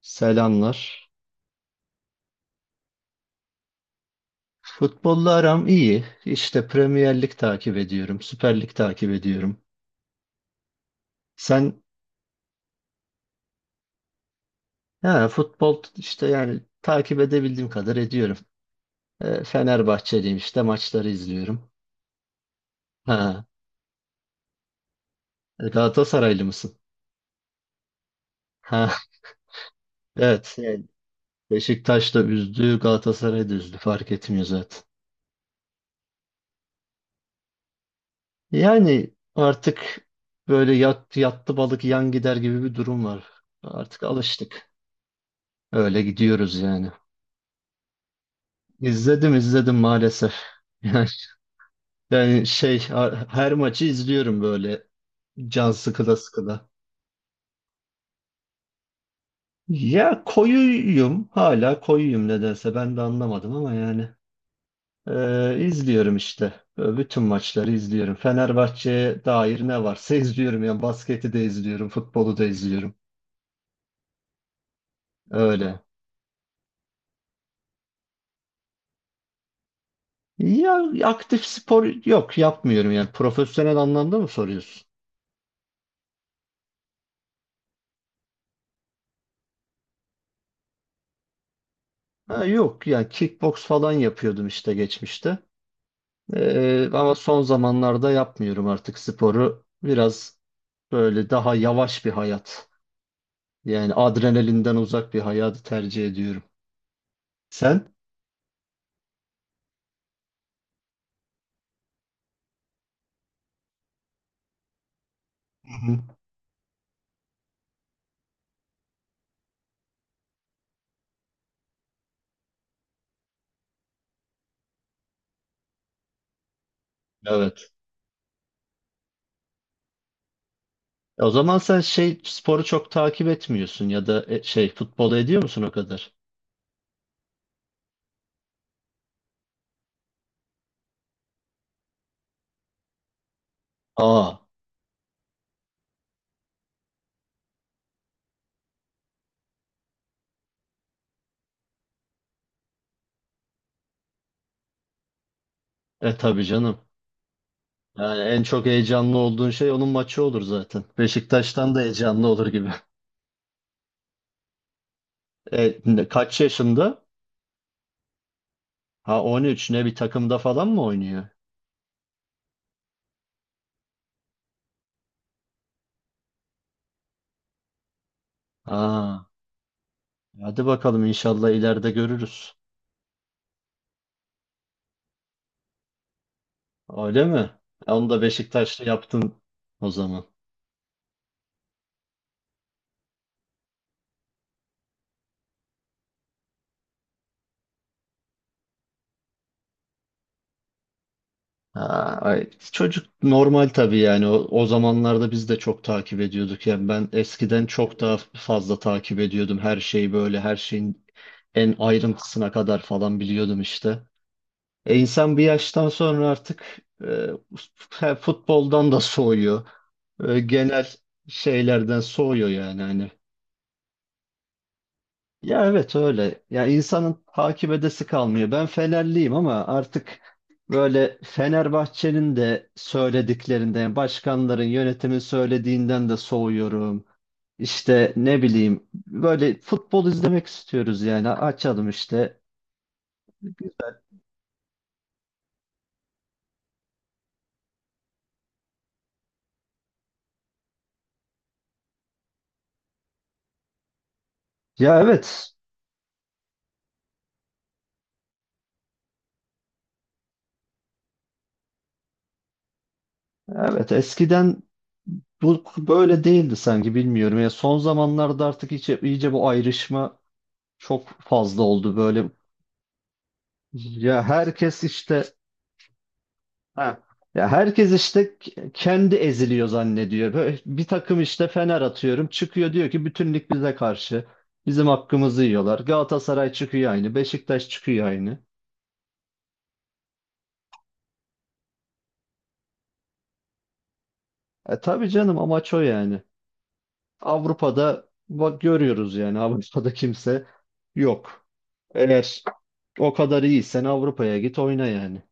Selamlar. Futbolla aram iyi. İşte Premier Lig takip ediyorum. Süper Lig takip ediyorum. Sen ha, futbol işte yani takip edebildiğim kadar ediyorum. E, Fenerbahçeliyim işte maçları izliyorum. Ha, Galatasaraylı mısın? Ha, evet. Yani Beşiktaş da üzdü, Galatasaray da üzdü. Fark etmiyor zaten. Yani artık böyle yattı balık yan gider gibi bir durum var. Artık alıştık. Öyle gidiyoruz yani. İzledim izledim maalesef. Yani, yani, her maçı izliyorum böyle can sıkıda sıkıda. Ya koyuyum hala koyuyum nedense ben de anlamadım ama yani izliyorum işte. Böyle bütün maçları izliyorum. Fenerbahçe'ye dair ne varsa izliyorum. Yani basketi de izliyorum, futbolu da izliyorum. Öyle. Ya aktif spor yok yapmıyorum yani profesyonel anlamda mı soruyorsun? Ha, yok yani kickbox falan yapıyordum işte geçmişte. Ama son zamanlarda yapmıyorum artık sporu. Biraz böyle daha yavaş bir hayat. Yani adrenalinden uzak bir hayatı tercih ediyorum. Sen? Hı hı. Evet. O zaman sen şey sporu çok takip etmiyorsun ya da şey futbolu ediyor musun o kadar? Aa, e tabii canım. Yani en çok heyecanlı olduğun şey onun maçı olur zaten. Beşiktaş'tan da heyecanlı olur gibi. E, kaç yaşında? Ha, 13, ne bir takımda falan mı oynuyor? Aa. Hadi bakalım inşallah ileride görürüz. Öyle mi? E, onu da Beşiktaş'ta yaptın o zaman. Ha, ay, çocuk normal tabii yani o zamanlarda biz de çok takip ediyorduk. Yani ben eskiden çok daha fazla takip ediyordum her şeyi, böyle her şeyin en ayrıntısına kadar falan biliyordum işte. E, insan bir yaştan sonra artık futboldan da soğuyor. E, genel şeylerden soğuyor yani hani. Ya evet öyle. Ya insanın takip edesi kalmıyor. Ben Fenerliyim ama artık böyle Fenerbahçe'nin de söylediklerinden, başkanların, yönetimin söylediğinden de soğuyorum. İşte ne bileyim böyle futbol izlemek istiyoruz yani, açalım işte. Ya evet. Evet eskiden bu böyle değildi sanki, bilmiyorum. Ya son zamanlarda artık iyice, iyice bu ayrışma çok fazla oldu böyle. Ya herkes işte. Ha. Ya herkes işte kendi eziliyor zannediyor. Böyle bir takım işte Fener atıyorum çıkıyor diyor ki bütünlük bize karşı. Bizim hakkımızı yiyorlar. Galatasaray çıkıyor aynı. Beşiktaş çıkıyor aynı. E tabii canım, amaç o yani. Avrupa'da bak görüyoruz yani, Avrupa'da kimse yok. Eğer o kadar iyiysen Avrupa'ya git oyna yani.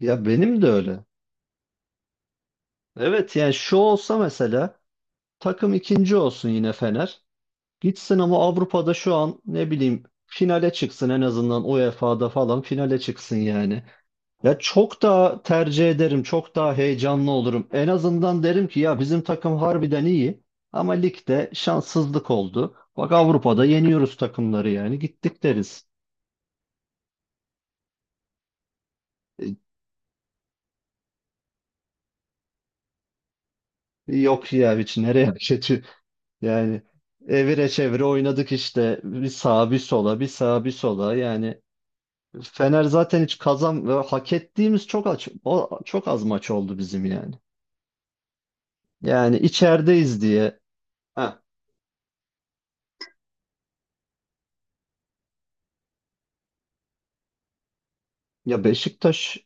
Ya benim de öyle. Evet yani şu olsa mesela, takım ikinci olsun yine Fener. Gitsin ama Avrupa'da şu an ne bileyim finale çıksın, en azından UEFA'da falan finale çıksın yani. Ya çok daha tercih ederim, çok daha heyecanlı olurum. En azından derim ki ya bizim takım harbiden iyi ama ligde şanssızlık oldu. Bak Avrupa'da yeniyoruz takımları yani, gittik deriz. E, yok ya, hiç nereye kötü yani, evire çevire oynadık işte, bir sağa bir sola, bir sağa bir sola yani. Fener zaten hiç kazan ve hak ettiğimiz çok çok az maç oldu bizim yani. Yani içerideyiz diye. Ha. Ya Beşiktaş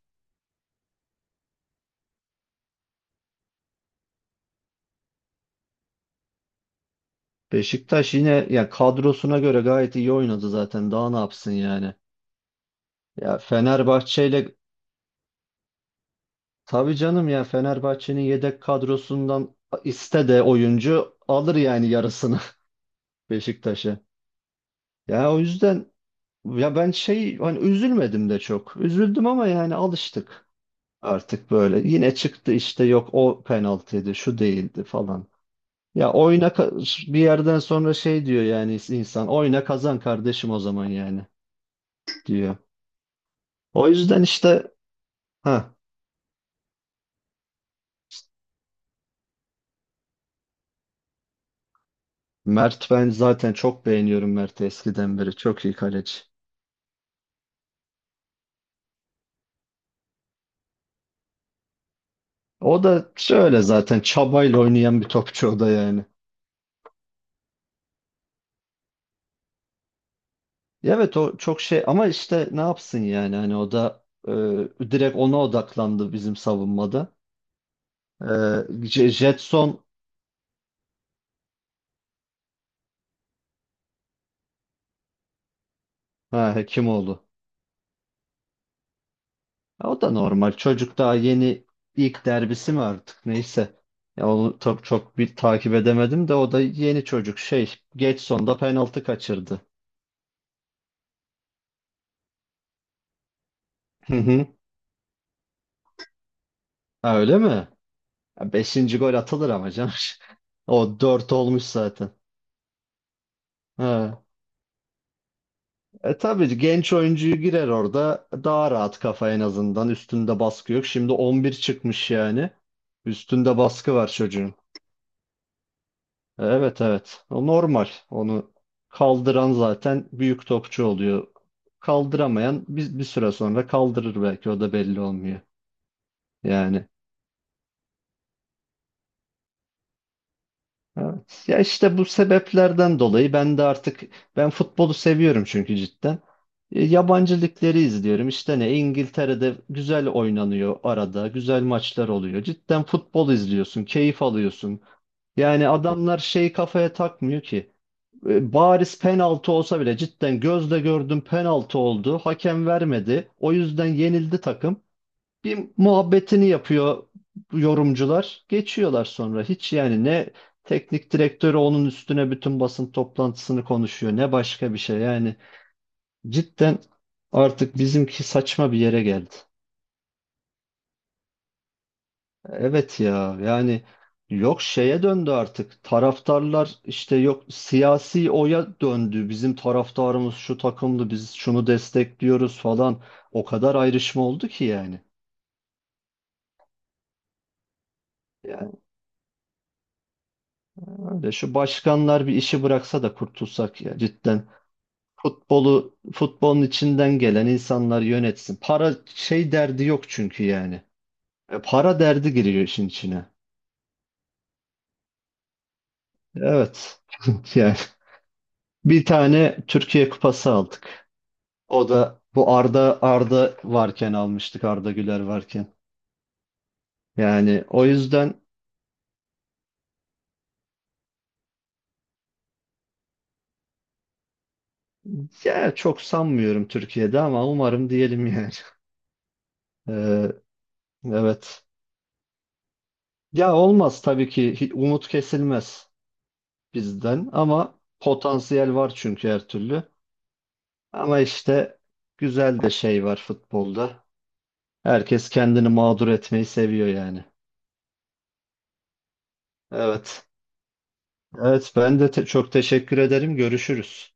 Beşiktaş yine ya kadrosuna göre gayet iyi oynadı zaten. Daha ne yapsın yani? Ya Fenerbahçe ile tabii canım, ya Fenerbahçe'nin yedek kadrosundan iste de oyuncu alır yani, yarısını Beşiktaş'a. Ya o yüzden ya ben şey hani üzülmedim de çok. Üzüldüm ama yani alıştık. Artık böyle yine çıktı işte, yok o penaltıydı, şu değildi falan. Ya oyna bir yerden sonra şey diyor yani insan, oyna kazan kardeşim o zaman yani, diyor. O yüzden işte, ha, Mert, ben zaten çok beğeniyorum Mert'i, eskiden beri çok iyi kaleci. O da şöyle zaten çabayla oynayan bir topçu o da yani. Ya evet o çok şey, ama işte ne yapsın yani hani, o da direkt ona odaklandı bizim savunmada. E, Jetson, ha, Hekimoğlu. Ya o da normal. Çocuk daha yeni, ilk derbisi mi artık, neyse. Ya onu çok çok bir takip edemedim de, o da yeni çocuk şey, geç sonda penaltı kaçırdı. Hı hı. Ha, öyle mi? Ya beşinci gol atılır ama canım. O dört olmuş zaten. Ha. E tabii, genç oyuncuyu girer orada daha rahat, kafa en azından üstünde baskı yok. Şimdi 11 çıkmış yani. Üstünde baskı var çocuğun. Evet, evet. O normal. Onu kaldıran zaten büyük topçu oluyor. Kaldıramayan biz, bir süre sonra kaldırır belki, o da belli olmuyor. Yani evet. Ya işte bu sebeplerden dolayı ben de artık, ben futbolu seviyorum çünkü cidden. E, yabancı ligleri izliyorum. İşte ne İngiltere'de güzel oynanıyor arada. Güzel maçlar oluyor. Cidden futbol izliyorsun, keyif alıyorsun. Yani adamlar şey kafaya takmıyor ki. E, bariz penaltı olsa bile, cidden gözle gördüm penaltı oldu. Hakem vermedi. O yüzden yenildi takım. Bir muhabbetini yapıyor yorumcular. Geçiyorlar sonra. Hiç yani ne teknik direktörü onun üstüne bütün basın toplantısını konuşuyor, ne başka bir şey. Yani cidden artık bizimki saçma bir yere geldi. Evet ya yani, yok şeye döndü artık taraftarlar, işte yok siyasi oya döndü bizim taraftarımız, şu takımdı, biz şunu destekliyoruz falan, o kadar ayrışma oldu ki yani. Yani öyle, şu başkanlar bir işi bıraksa da kurtulsak ya cidden, futbolu futbolun içinden gelen insanlar yönetsin, para şey derdi yok çünkü yani. E, para derdi giriyor işin içine, evet. Yani bir tane Türkiye Kupası aldık. O da bu Arda varken almıştık, Arda Güler varken. Yani o yüzden ya, çok sanmıyorum Türkiye'de ama umarım diyelim yani. Ee, evet. Ya olmaz tabii ki, umut kesilmez bizden, ama potansiyel var çünkü her türlü. Ama işte güzel de şey var futbolda. Herkes kendini mağdur etmeyi seviyor yani. Evet. Evet ben de çok teşekkür ederim. Görüşürüz.